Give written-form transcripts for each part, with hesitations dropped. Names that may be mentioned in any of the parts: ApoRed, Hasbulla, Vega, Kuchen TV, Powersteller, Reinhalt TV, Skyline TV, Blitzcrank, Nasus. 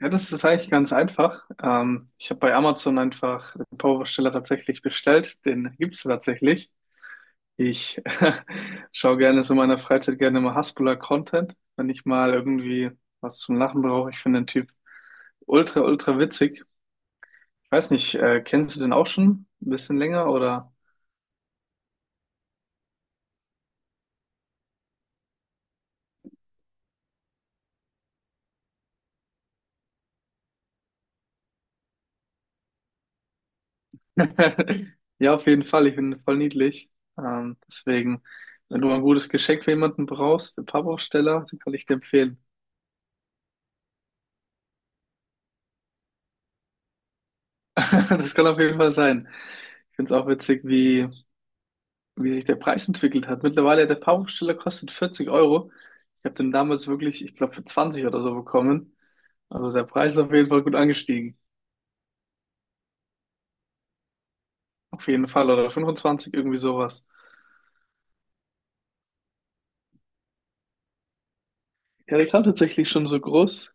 Ja, das ist vielleicht ganz einfach. Ich habe bei Amazon einfach den Powersteller tatsächlich bestellt. Den gibt's tatsächlich. Ich schaue gerne so in meiner Freizeit gerne mal Hasbulla-Content, wenn ich mal irgendwie was zum Lachen brauche. Ich finde den Typ ultra, ultra witzig. Ich weiß nicht, kennst du den auch schon ein bisschen länger oder? Ja, auf jeden Fall. Ich finde ihn voll niedlich. Deswegen, wenn du mal ein gutes Geschenk für jemanden brauchst, den Powersteller, den kann ich dir empfehlen. Das kann auf jeden Fall sein. Ich finde es auch witzig, wie sich der Preis entwickelt hat. Mittlerweile, der Paarungssteller kostet 40 Euro. Ich habe den damals wirklich, ich glaube, für 20 oder so bekommen. Also der Preis ist auf jeden Fall gut angestiegen. Auf jeden Fall. Oder 25, irgendwie sowas. Ja, der kam tatsächlich schon so groß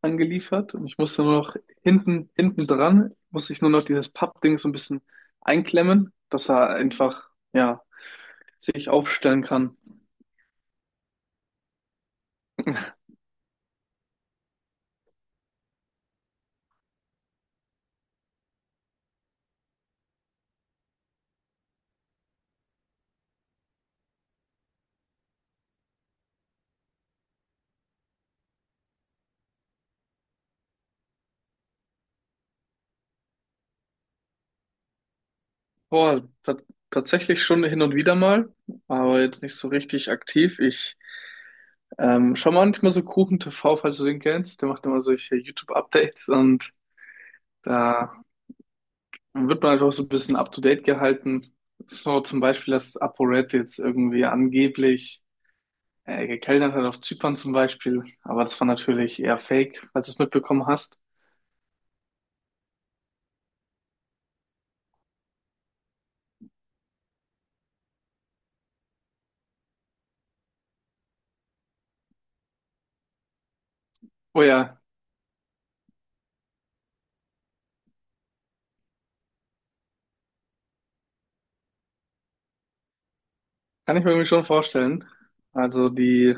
angeliefert. Und ich musste nur noch hinten dran, musste ich nur noch dieses Pappding so ein bisschen einklemmen, dass er einfach, ja, sich aufstellen kann. Boah, tatsächlich schon hin und wieder mal, aber jetzt nicht so richtig aktiv. Ich schaue manchmal so Kuchen TV, falls du den kennst. Der macht immer solche YouTube-Updates und da wird man einfach so ein bisschen up-to-date gehalten. So zum Beispiel, dass ApoRed jetzt irgendwie angeblich gekellnert hat auf Zypern zum Beispiel, aber das war natürlich eher Fake, falls du es mitbekommen hast. Oh ja. Kann ich mir irgendwie schon vorstellen. Also die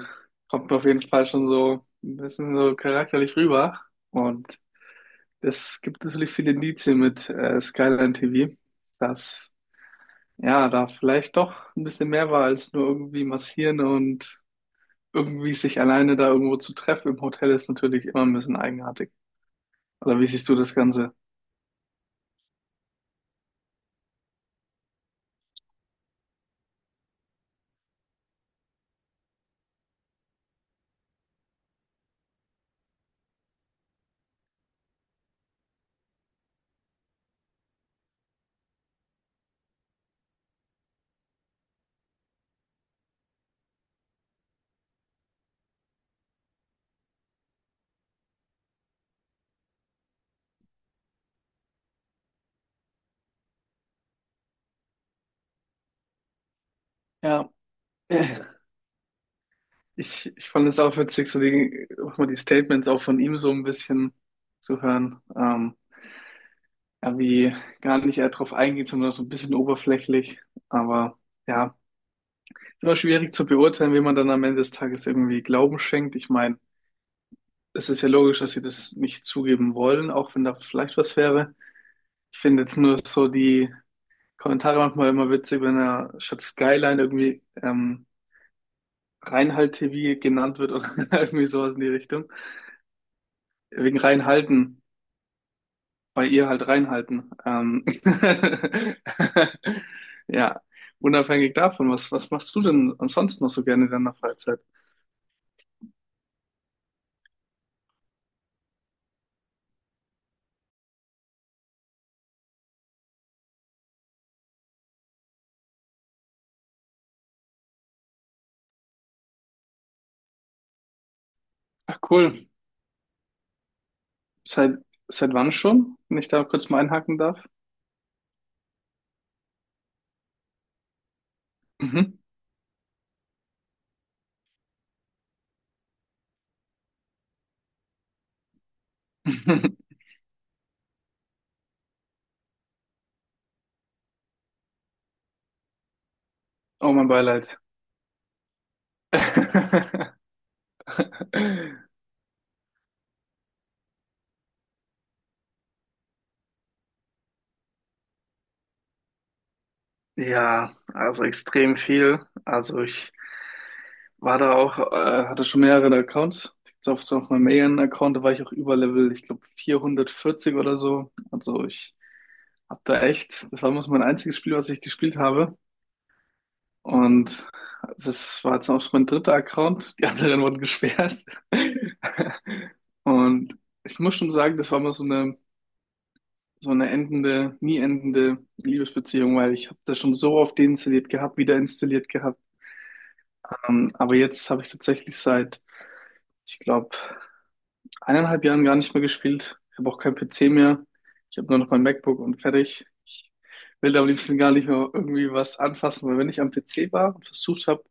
kommt mir auf jeden Fall schon so ein bisschen so charakterlich rüber. Und es gibt natürlich viele Indizien mit Skyline TV, dass ja da vielleicht doch ein bisschen mehr war als nur irgendwie massieren, und irgendwie sich alleine da irgendwo zu treffen im Hotel ist natürlich immer ein bisschen eigenartig. Oder wie siehst du das Ganze? Ja. Ich fand es auch witzig, so die, auch mal die Statements auch von ihm so ein bisschen zu hören. Irgendwie gar nicht eher drauf eingeht, sondern so ein bisschen oberflächlich. Aber ja, immer schwierig zu beurteilen, wie man dann am Ende des Tages irgendwie Glauben schenkt. Ich meine, es ist ja logisch, dass sie das nicht zugeben wollen, auch wenn da vielleicht was wäre. Ich finde jetzt nur so die Kommentare manchmal immer witzig, wenn er statt Skyline irgendwie Reinhalt TV genannt wird oder irgendwie sowas in die Richtung. Wegen Reinhalten. Bei ihr halt reinhalten. Ja, unabhängig davon, was machst du denn ansonsten noch so gerne in deiner Freizeit? Ach cool, seit, seit wann schon, wenn ich da kurz mal einhaken darf? Mhm. Oh, mein Beileid. Ja, also extrem viel. Also ich. War da auch, hatte schon mehrere Accounts. Jetzt auf meinem Alien-Account, da war ich auch über Level, ich glaube 440 oder so. Also ich hab da echt, das war muss mein einziges Spiel, was ich gespielt habe. Und das war jetzt auch schon mein dritter Account. Die anderen wurden gesperrt. Und ich muss schon sagen, das war mal so eine, endende, nie endende Liebesbeziehung, weil ich habe das schon so oft deinstalliert gehabt, wieder installiert gehabt. Aber jetzt habe ich tatsächlich seit, ich glaube, eineinhalb Jahren gar nicht mehr gespielt. Ich habe auch keinen PC mehr. Ich habe nur noch mein MacBook und fertig. Ich will da am liebsten gar nicht mehr irgendwie was anfassen, weil wenn ich am PC war und versucht habe,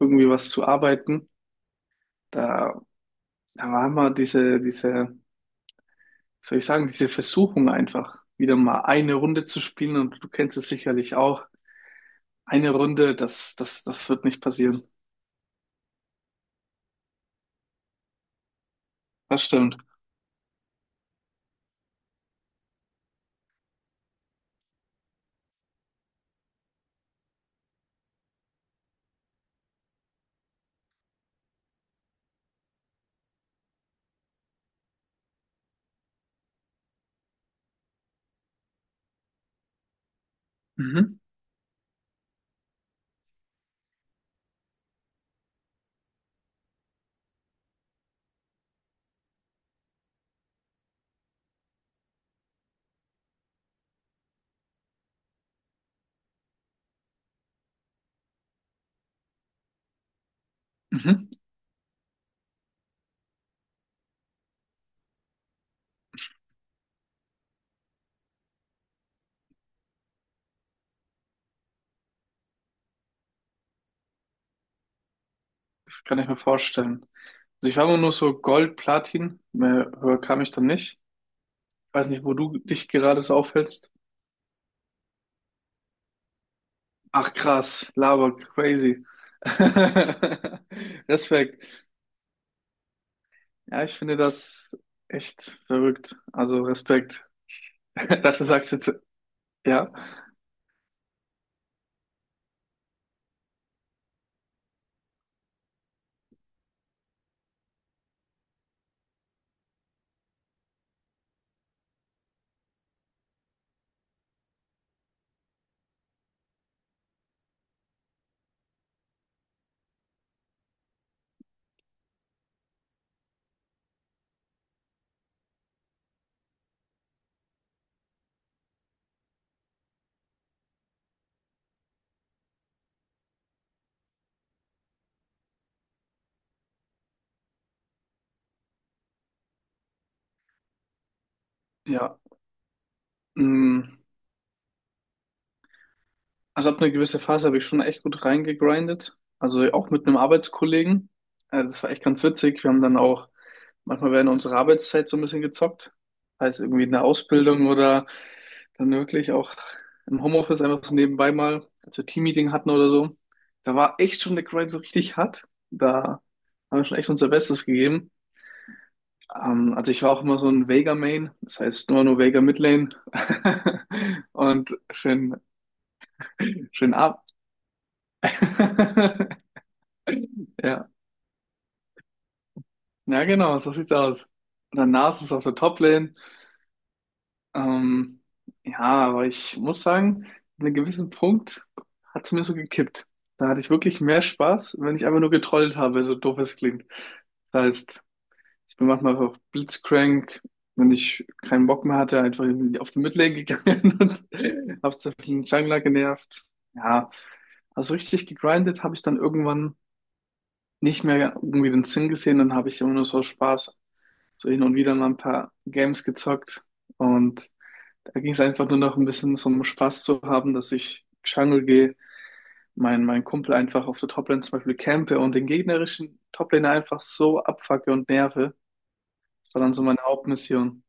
irgendwie was zu arbeiten, da, da war immer diese, wie soll ich sagen, diese Versuchung einfach, wieder mal eine Runde zu spielen, und du kennst es sicherlich auch. Eine Runde, das wird nicht passieren. Das stimmt. Mhm. Mhm. Das kann ich mir vorstellen. Also ich war immer nur so Gold, Platin, mehr höher kam ich dann nicht. Weiß nicht, wo du dich gerade so aufhältst. Ach krass, laber, crazy. Respekt. Ja, ich finde das echt verrückt. Also Respekt. Dass du sagst du jetzt, ja, ja. Mm. Also ab einer gewissen Phase habe ich schon echt gut reingegrindet. Also auch mit einem Arbeitskollegen. Das war echt ganz witzig. Wir haben dann auch manchmal werden unsere Arbeitszeit so ein bisschen gezockt. Heißt irgendwie eine Ausbildung oder dann wirklich auch im Homeoffice einfach so nebenbei mal, als wir Teammeeting hatten oder so. Da war echt schon der Grind so richtig hart. Da haben wir schon echt unser Bestes gegeben. Also ich war auch immer so ein Vega Main, das heißt nur Vega Midlane. Und schön, schön ab. Ja, ja genau, so sieht's aus. Und dann Nasus auf der Toplane. Ähm, ja, aber ich muss sagen, an einem gewissen Punkt hat es mir so gekippt. Da hatte ich wirklich mehr Spaß, wenn ich einfach nur getrollt habe, so doof es klingt. Das heißt, ich bin manchmal einfach blitzcrank, wenn ich keinen Bock mehr hatte, einfach irgendwie auf die Midlane gegangen und habe so einen Jungler genervt. Ja, also richtig gegrindet habe ich dann irgendwann nicht mehr irgendwie den Sinn gesehen, dann habe ich immer nur so Spaß, so hin und wieder mal ein paar Games gezockt, und da ging es einfach nur noch ein bisschen so um Spaß zu haben, dass ich Jungle gehe, mein Kumpel einfach auf der Toplane zum Beispiel campe und den gegnerischen Toplaner einfach so abfacke und nerve. Das war dann so meine Hauptmission.